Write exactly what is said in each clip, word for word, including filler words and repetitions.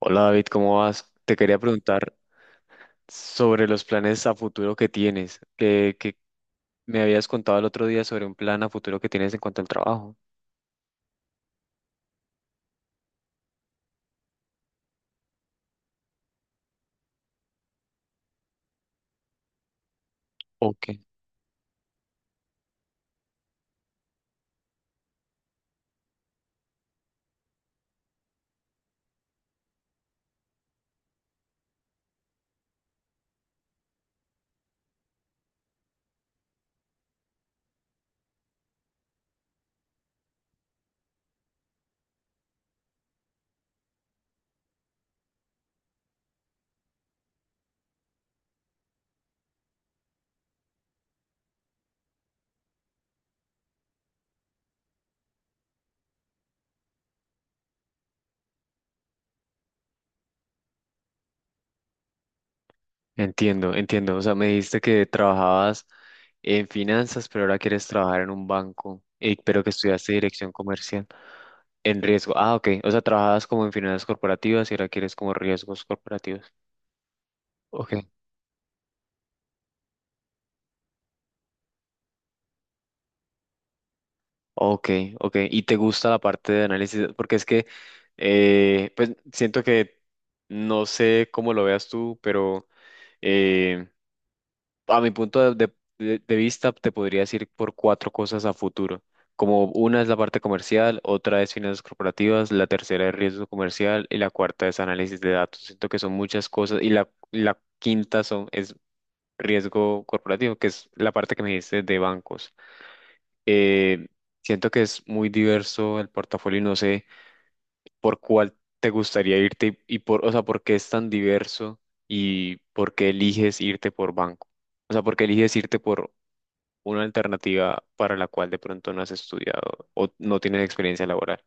Hola David, ¿cómo vas? Te quería preguntar sobre los planes a futuro que tienes, que, que me habías contado el otro día sobre un plan a futuro que tienes en cuanto al trabajo. Ok. Entiendo, entiendo. O sea, me dijiste que trabajabas en finanzas, pero ahora quieres trabajar en un banco, Y pero que estudiaste dirección comercial en riesgo. Ah, ok. O sea, trabajabas como en finanzas corporativas y ahora quieres como riesgos corporativos. Ok. Ok, ok. ¿Y te gusta la parte de análisis? Porque es que, eh, pues siento que, no sé cómo lo veas tú, pero eh, a mi punto de, de- de vista te podría decir por cuatro cosas a futuro. Como una es la parte comercial, otra es finanzas corporativas, la tercera es riesgo comercial y la cuarta es análisis de datos. Siento que son muchas cosas y la, la quinta son, es riesgo corporativo, que es la parte que me dijiste de bancos. Eh, Siento que es muy diverso el portafolio y no sé por cuál te gustaría irte y, y por, o sea, por qué es tan diverso y por qué eliges irte por banco. O sea, por qué eliges irte por una alternativa para la cual de pronto no has estudiado o no tienes experiencia laboral.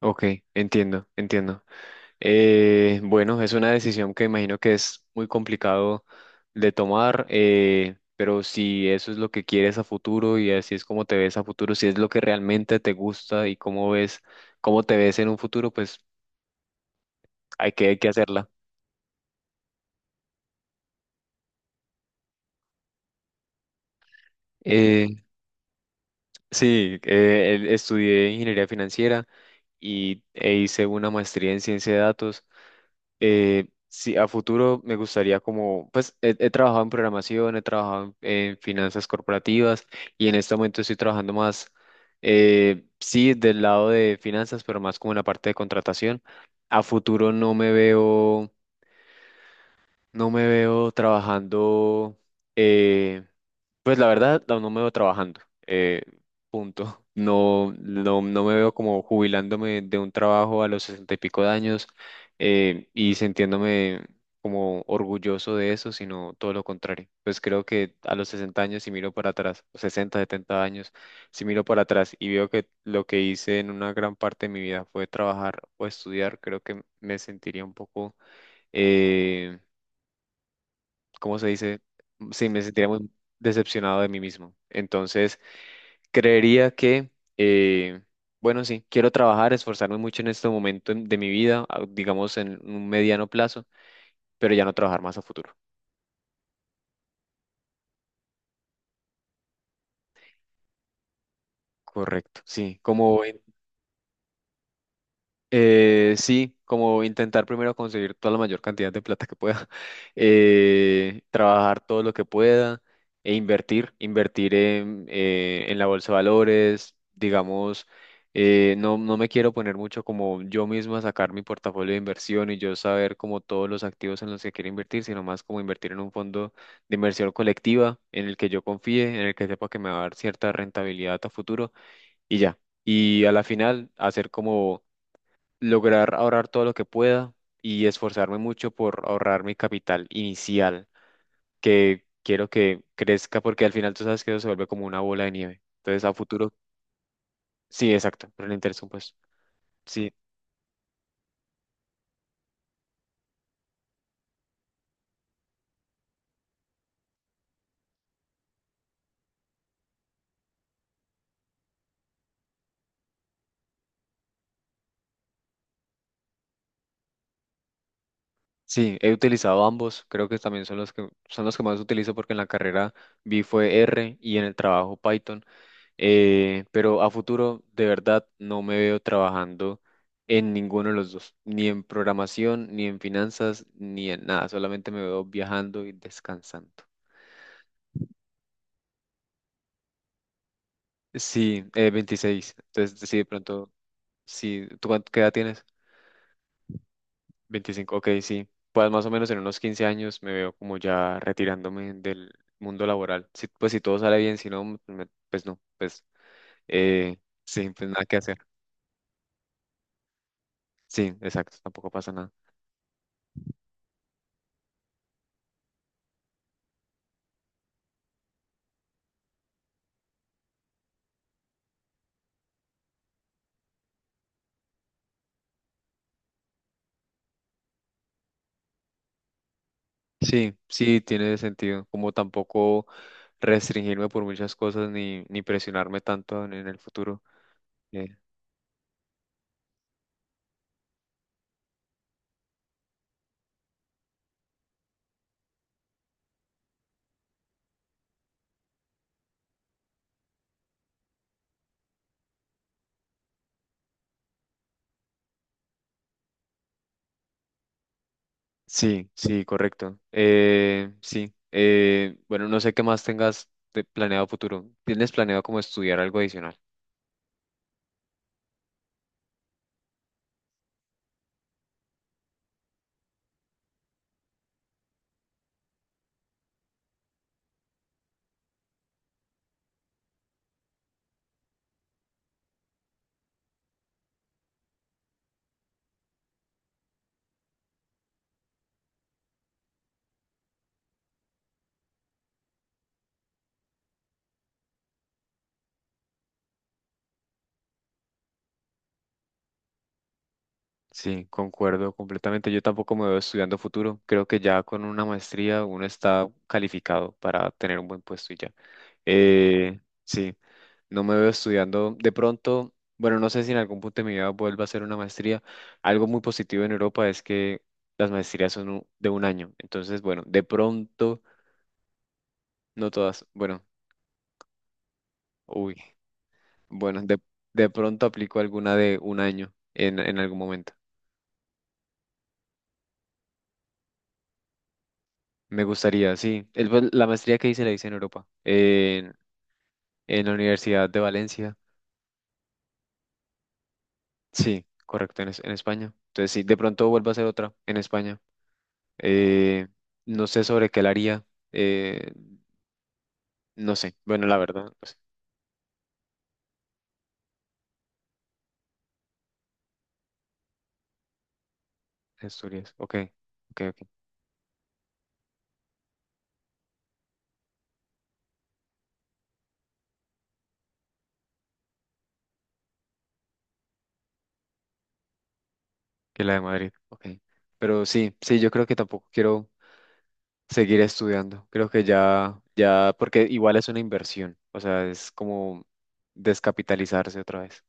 Ok, entiendo, entiendo. Eh, bueno, es una decisión que imagino que es muy complicado de tomar, eh, pero si eso es lo que quieres a futuro y así es como te ves a futuro, si es lo que realmente te gusta y cómo ves, cómo te ves en un futuro, pues hay que, hay que hacerla. Eh, sí, eh, el- estudié ingeniería financiera y, e hice una maestría en ciencia de datos. Eh, sí, a futuro me gustaría como, pues he, he trabajado en programación, he trabajado en, en finanzas corporativas y en este momento estoy trabajando más, eh, sí, del lado de finanzas, pero más como en la parte de contratación. A futuro no me veo, no me veo trabajando. eh, pues la verdad, no no me veo trabajando. eh, Punto. No, no, no me veo como jubilándome de un trabajo a los sesenta y pico de años eh, y sintiéndome como orgulloso de eso, sino todo lo contrario. Pues creo que a los sesenta años, si miro para atrás, o sesenta, setenta años, si miro para atrás y veo que lo que hice en una gran parte de mi vida fue trabajar o estudiar, creo que me sentiría un poco eh, ¿cómo se dice? Sí, me sentiría muy decepcionado de mí mismo. Entonces, creería que, eh, bueno, sí, quiero trabajar, esforzarme mucho en este momento en- de mi vida, a- digamos en un mediano plazo, pero ya no trabajar más a futuro. Correcto, sí, como Eh, sí, como intentar primero conseguir toda la mayor cantidad de plata que pueda, eh, trabajar todo lo que pueda e invertir, invertir en, eh, en la bolsa de valores, digamos, eh, no, no me quiero poner mucho como yo mismo a sacar mi portafolio de inversión y yo saber como todos los activos en los que quiero invertir, sino más como invertir en un fondo de inversión colectiva en el que yo confíe, en el que sepa que me va a dar cierta rentabilidad a futuro y ya. Y a la final hacer como lograr ahorrar todo lo que pueda y esforzarme mucho por ahorrar mi capital inicial, que quiero que crezca porque al final tú sabes que eso se vuelve como una bola de nieve. Entonces a futuro, sí, exacto, pero el interés pues. Sí, sí, he utilizado ambos, creo que también son los que son los que más utilizo porque en la carrera vi fue R y en el trabajo Python. Eh, pero a futuro, de verdad, no me veo trabajando en ninguno de los dos, ni en programación, ni en finanzas, ni en nada. Solamente me veo viajando y descansando. Sí, eh, veintiséis. Entonces, sí, de pronto, sí. ¿Tú cuánto, qué edad tienes? veinticinco Ok, sí. Pues más o menos en unos quince años me veo como ya retirándome del mundo laboral. Sí, pues si todo sale bien, si no, pues, me- pues no, pues eh, sí, pues nada que hacer. Sí, exacto, tampoco pasa nada. Sí, sí, tiene sentido. Como tampoco restringirme por muchas cosas ni, ni presionarme tanto en, en el futuro. Eh, sí, sí, correcto. Eh, sí. Eh, bueno, no sé qué más tengas de planeado futuro. ¿Tienes planeado como estudiar algo adicional? Sí, concuerdo completamente. Yo tampoco me veo estudiando futuro. Creo que ya con una maestría uno está calificado para tener un buen puesto y ya. Eh, sí. No me veo estudiando de pronto, bueno, no sé si en algún punto de mi vida vuelva a hacer una maestría. Algo muy positivo en Europa es que las maestrías son u- de un año. Entonces, bueno, de pronto, no todas, bueno, uy, bueno, de, de pronto aplico alguna de un año en, en algún momento. Me gustaría, sí. El- pues, la maestría que hice la hice en Europa, en, en la Universidad de Valencia. Sí, correcto, en, es- en España. Entonces, sí, de pronto vuelvo a hacer otra en España. Eh, no sé sobre qué la haría. eh, No sé, bueno, la verdad, no sé. Asturias, ok, ok, ok. Que la de Madrid, ok. Pero sí, sí, yo creo que tampoco quiero seguir estudiando. Creo que ya, ya, porque igual es una inversión, o sea, es como descapitalizarse otra vez.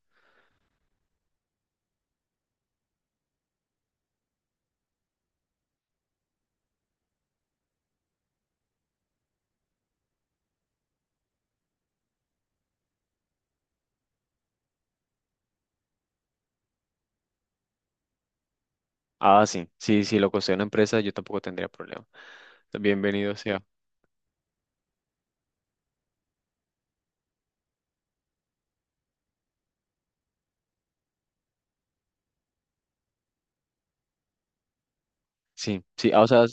Ah, sí, sí, sí, lo costea una empresa, yo tampoco tendría problema. Bienvenido sea. Sí, sí, ah, o sea,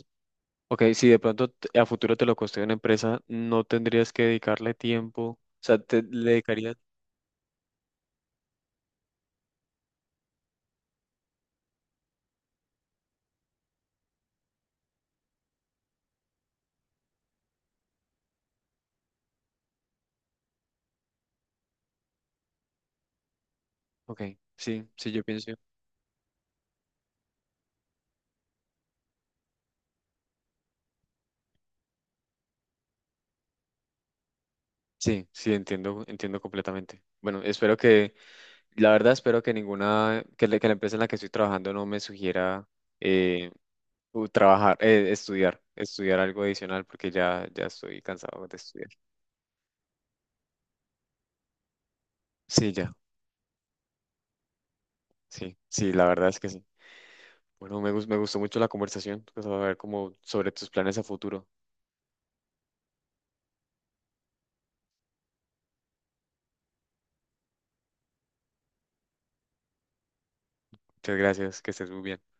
ok, si de pronto t- a futuro te lo costea una empresa, no tendrías que dedicarle tiempo, o sea, te le dedicarías, ok, sí, sí, yo pienso. Sí, sí, entiendo, entiendo completamente. Bueno, espero que, la verdad, espero que ninguna, que, la que la empresa en la que estoy trabajando no me sugiera eh, u- trabajar, eh, estudiar, estudiar algo adicional porque ya, ya estoy cansado de estudiar. Sí, ya, sí, sí, la verdad es que sí. Bueno, me, gus- me gustó mucho la conversación, pues, a ver como sobre tus planes a futuro. Muchas gracias, que estés muy bien.